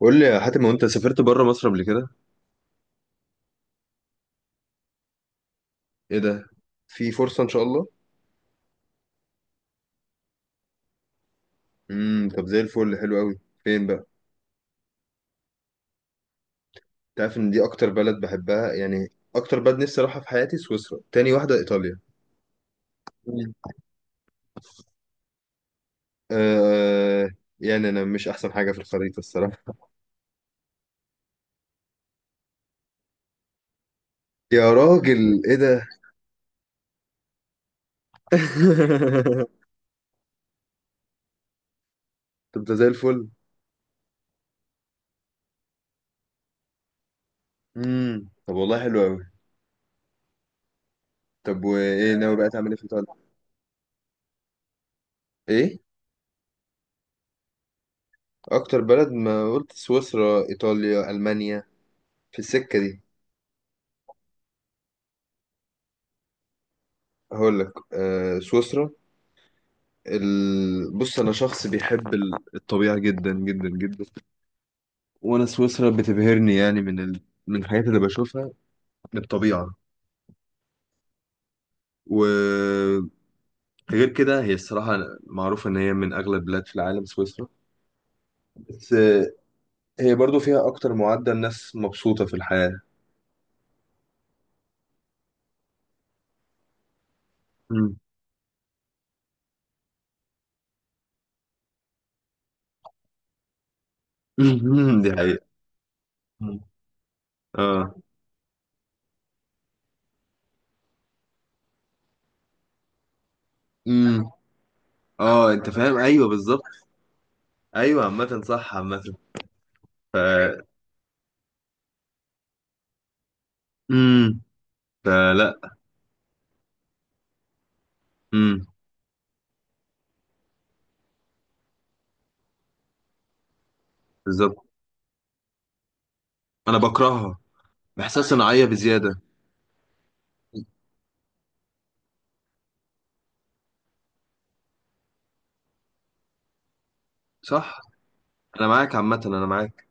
قول لي يا حاتم، هو انت سافرت بره مصر قبل كده؟ ايه ده! في فرصه ان شاء الله. طب زي الفل، حلو قوي، فين بقى؟ تعرف ان دي اكتر بلد بحبها، يعني اكتر بلد نفسي اروحها في حياتي، سويسرا، تاني واحده ايطاليا. مم. آه. يعني انا مش احسن حاجه في الخريطه الصراحه. يا راجل ايه ده! طب ده زي الفل. طب والله حلو قوي. طب وايه ناوي بقى تعمل ايه في ايطاليا؟ ايه اكتر بلد، ما قلت سويسرا ايطاليا المانيا، في السكه دي. هقول لك، سويسرا. بص، انا شخص بيحب الطبيعه جدا جدا جدا. وانا سويسرا بتبهرني، يعني من الحاجات اللي بشوفها، من الطبيعه. وغير كده، هي الصراحه معروفه ان هي من اغلى البلاد في العالم سويسرا. بس هي برضو فيها اكتر معدل ناس مبسوطه في الحياه. مم. دي حقيقه. مم. اه. مم. اه، انت فاهم، ايوه بالظبط. ايوه، عامه صح، عامه. ف امم فلا. امم. بالظبط. انا بكرهها. احساس صناعيه بزياده. صح. انا معاك، عامه انا معاك.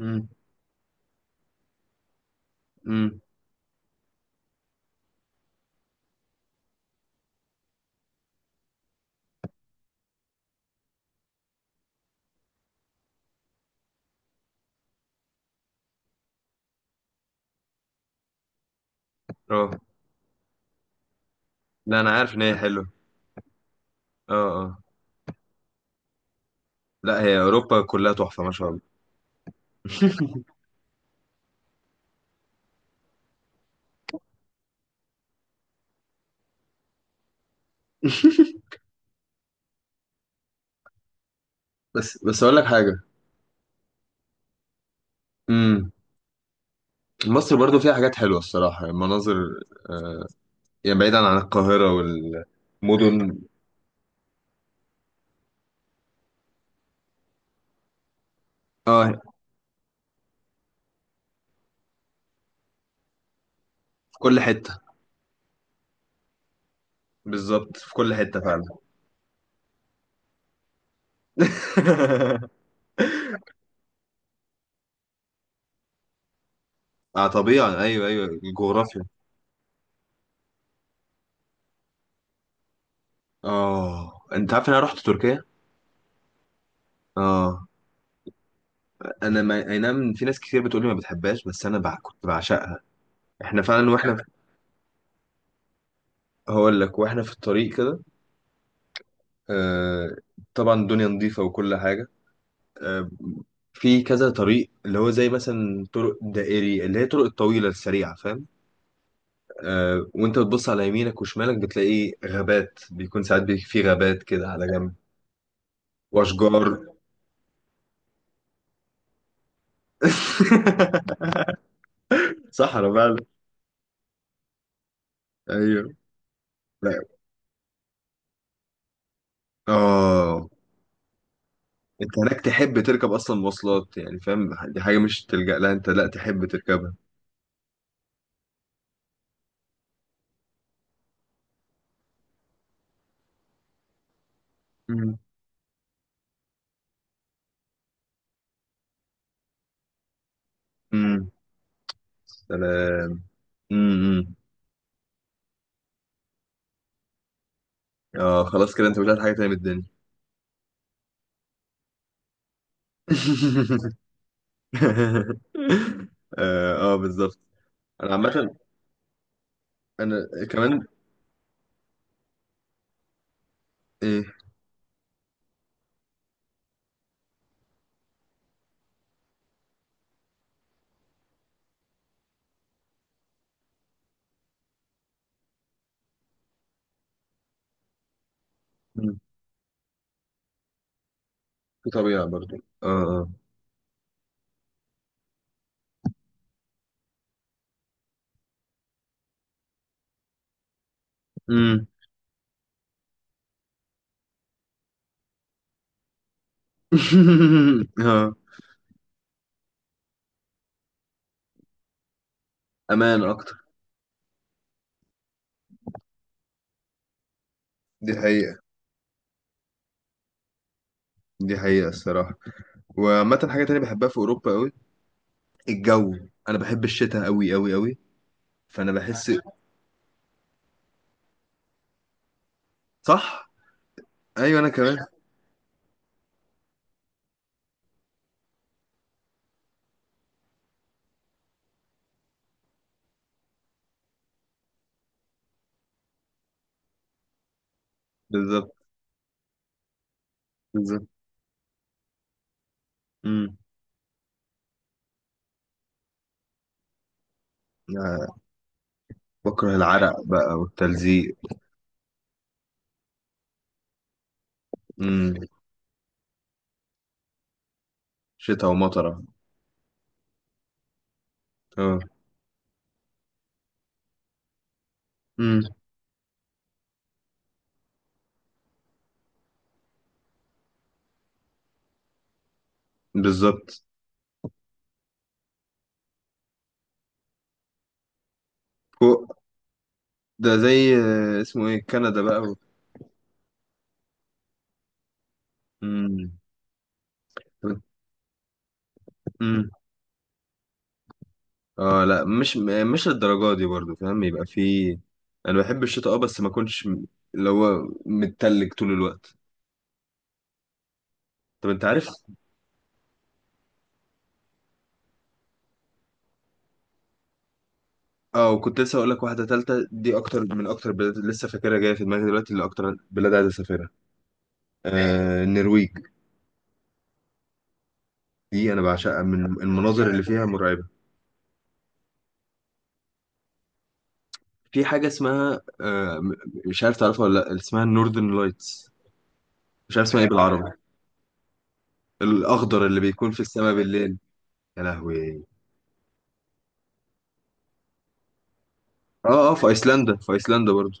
امم. امم. اه، لا انا عارف ان هي حلوه. اه. اه. لا، هي اوروبا كلها تحفه ما شاء الله. بس بس اقول لك حاجه. امم. مصر برضو فيها حاجات حلوه الصراحه، المناظر. آه. يعني بعيدا عن القاهره والمدن. اه. في كل حته. بالظبط، في كل حته فعلا. اه طبيعي، ايوه ايوه، الجغرافيا. اه، انت عارف ان انا رحت تركيا. اه. انا ما... اي نعم، في ناس كتير بتقول لي ما بتحبهاش، بس كنت بعشقها. احنا فعلا واحنا في... هقول لك، واحنا في الطريق كده. آه... طبعا الدنيا نظيفة وكل حاجة. آه... في كذا طريق، اللي هو زي مثلا طرق دائري، اللي هي طرق الطويلة السريعة، فاهم؟ وانت بتبص على يمينك وشمالك بتلاقي غابات، بيكون ساعات في غابات كده على جنب، واشجار. صحراء فعلا. ايوه. لا. اه. انت هناك تحب تركب اصلا مواصلات؟ يعني فاهم، دي حاجه مش تلجأ لها، انت لا تحب تركبها. مم. امم. سلام. امم. اه خلاص، كده انت مش عايز حاجه تانية من الدنيا. اه، آه بالظبط. انا عامه، انا كمان. ايه. مم. في طبيعه برضو. اه اه. امم. اه. امان اكتر. دي حقيقه. دي حقيقه الصراحه. وعامه حاجه تانية بحبها في اوروبا قوي، الجو. انا بحب الشتاء قوي قوي قوي. فانا بحس. صح. ايوه انا كمان. بالظبط. بالظبط. امم. آه، بكره العرق بقى والتلزيق. امم. شتاء ومطره. اه. امم. بالظبط. فوق. ده زي اسمه ايه، كندا بقى. امم. امم. اه لا، مش للدرجه دي برضو، فاهم؟ يبقى في، انا بحب الشتاء اه، بس ما اكونش اللي هو متلج طول الوقت. طب انت عارف؟ اه، وكنت لسه اقول لك واحده تالته، دي اكتر من اكتر بلاد لسه فاكرها جايه في دماغي دلوقتي، اللي اكتر بلاد عايز اسافرها. النرويج. دي انا بعشقها، من المناظر اللي فيها مرعبه. في حاجه اسمها مش عارف تعرفها ولا لا، اسمها النوردن لايتس. مش عارف اسمها ايه بالعربي، الاخضر اللي بيكون في السماء بالليل. يا لهوي. اه اه، في ايسلندا، في ايسلندا برضو.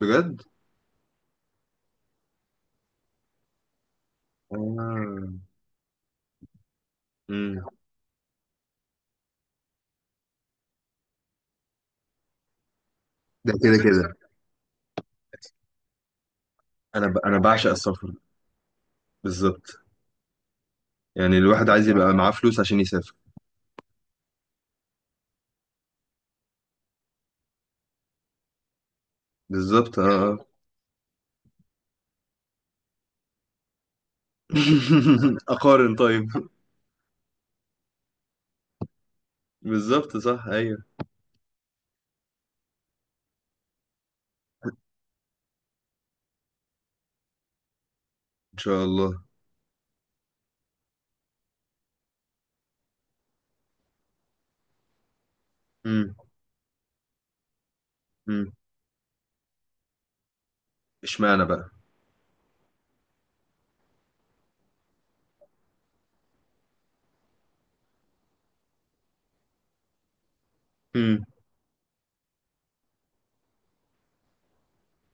بجد. آه. مم. ده كده كده. انا بعشق السفر. بالظبط. يعني الواحد عايز يبقى معاه فلوس عشان يسافر. بالظبط اه. آه. اقارن طيب. بالظبط صح ايوه. ان شاء الله. امم. امم. اشمعنى بقى؟ امم.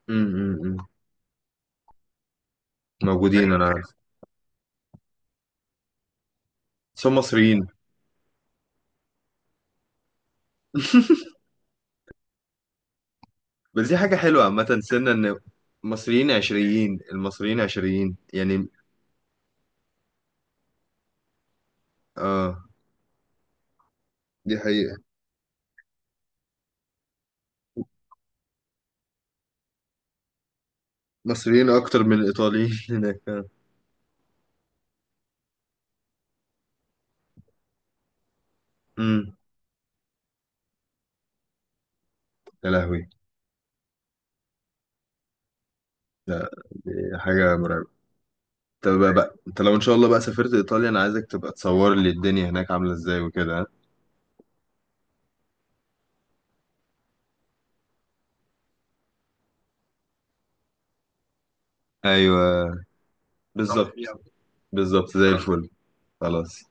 امم. امم. موجودين، انا عارف. بس هم مصريين. بس دي حاجة حلوة، عامة سنة ان مصريين عشريين المصريين عشريين يعني. اه. دي حقيقة. مصريين اكتر من الايطاليين هناك. امم. يا لهوي. لا، دي حاجة مرعبة. طب بقى انت لو ان شاء الله بقى سافرت ايطاليا، انا عايزك تبقى تصور لي الدنيا هناك عاملة ازاي وكده، ها؟ ايوه. بالظبط. بالظبط زي الفل. خلاص.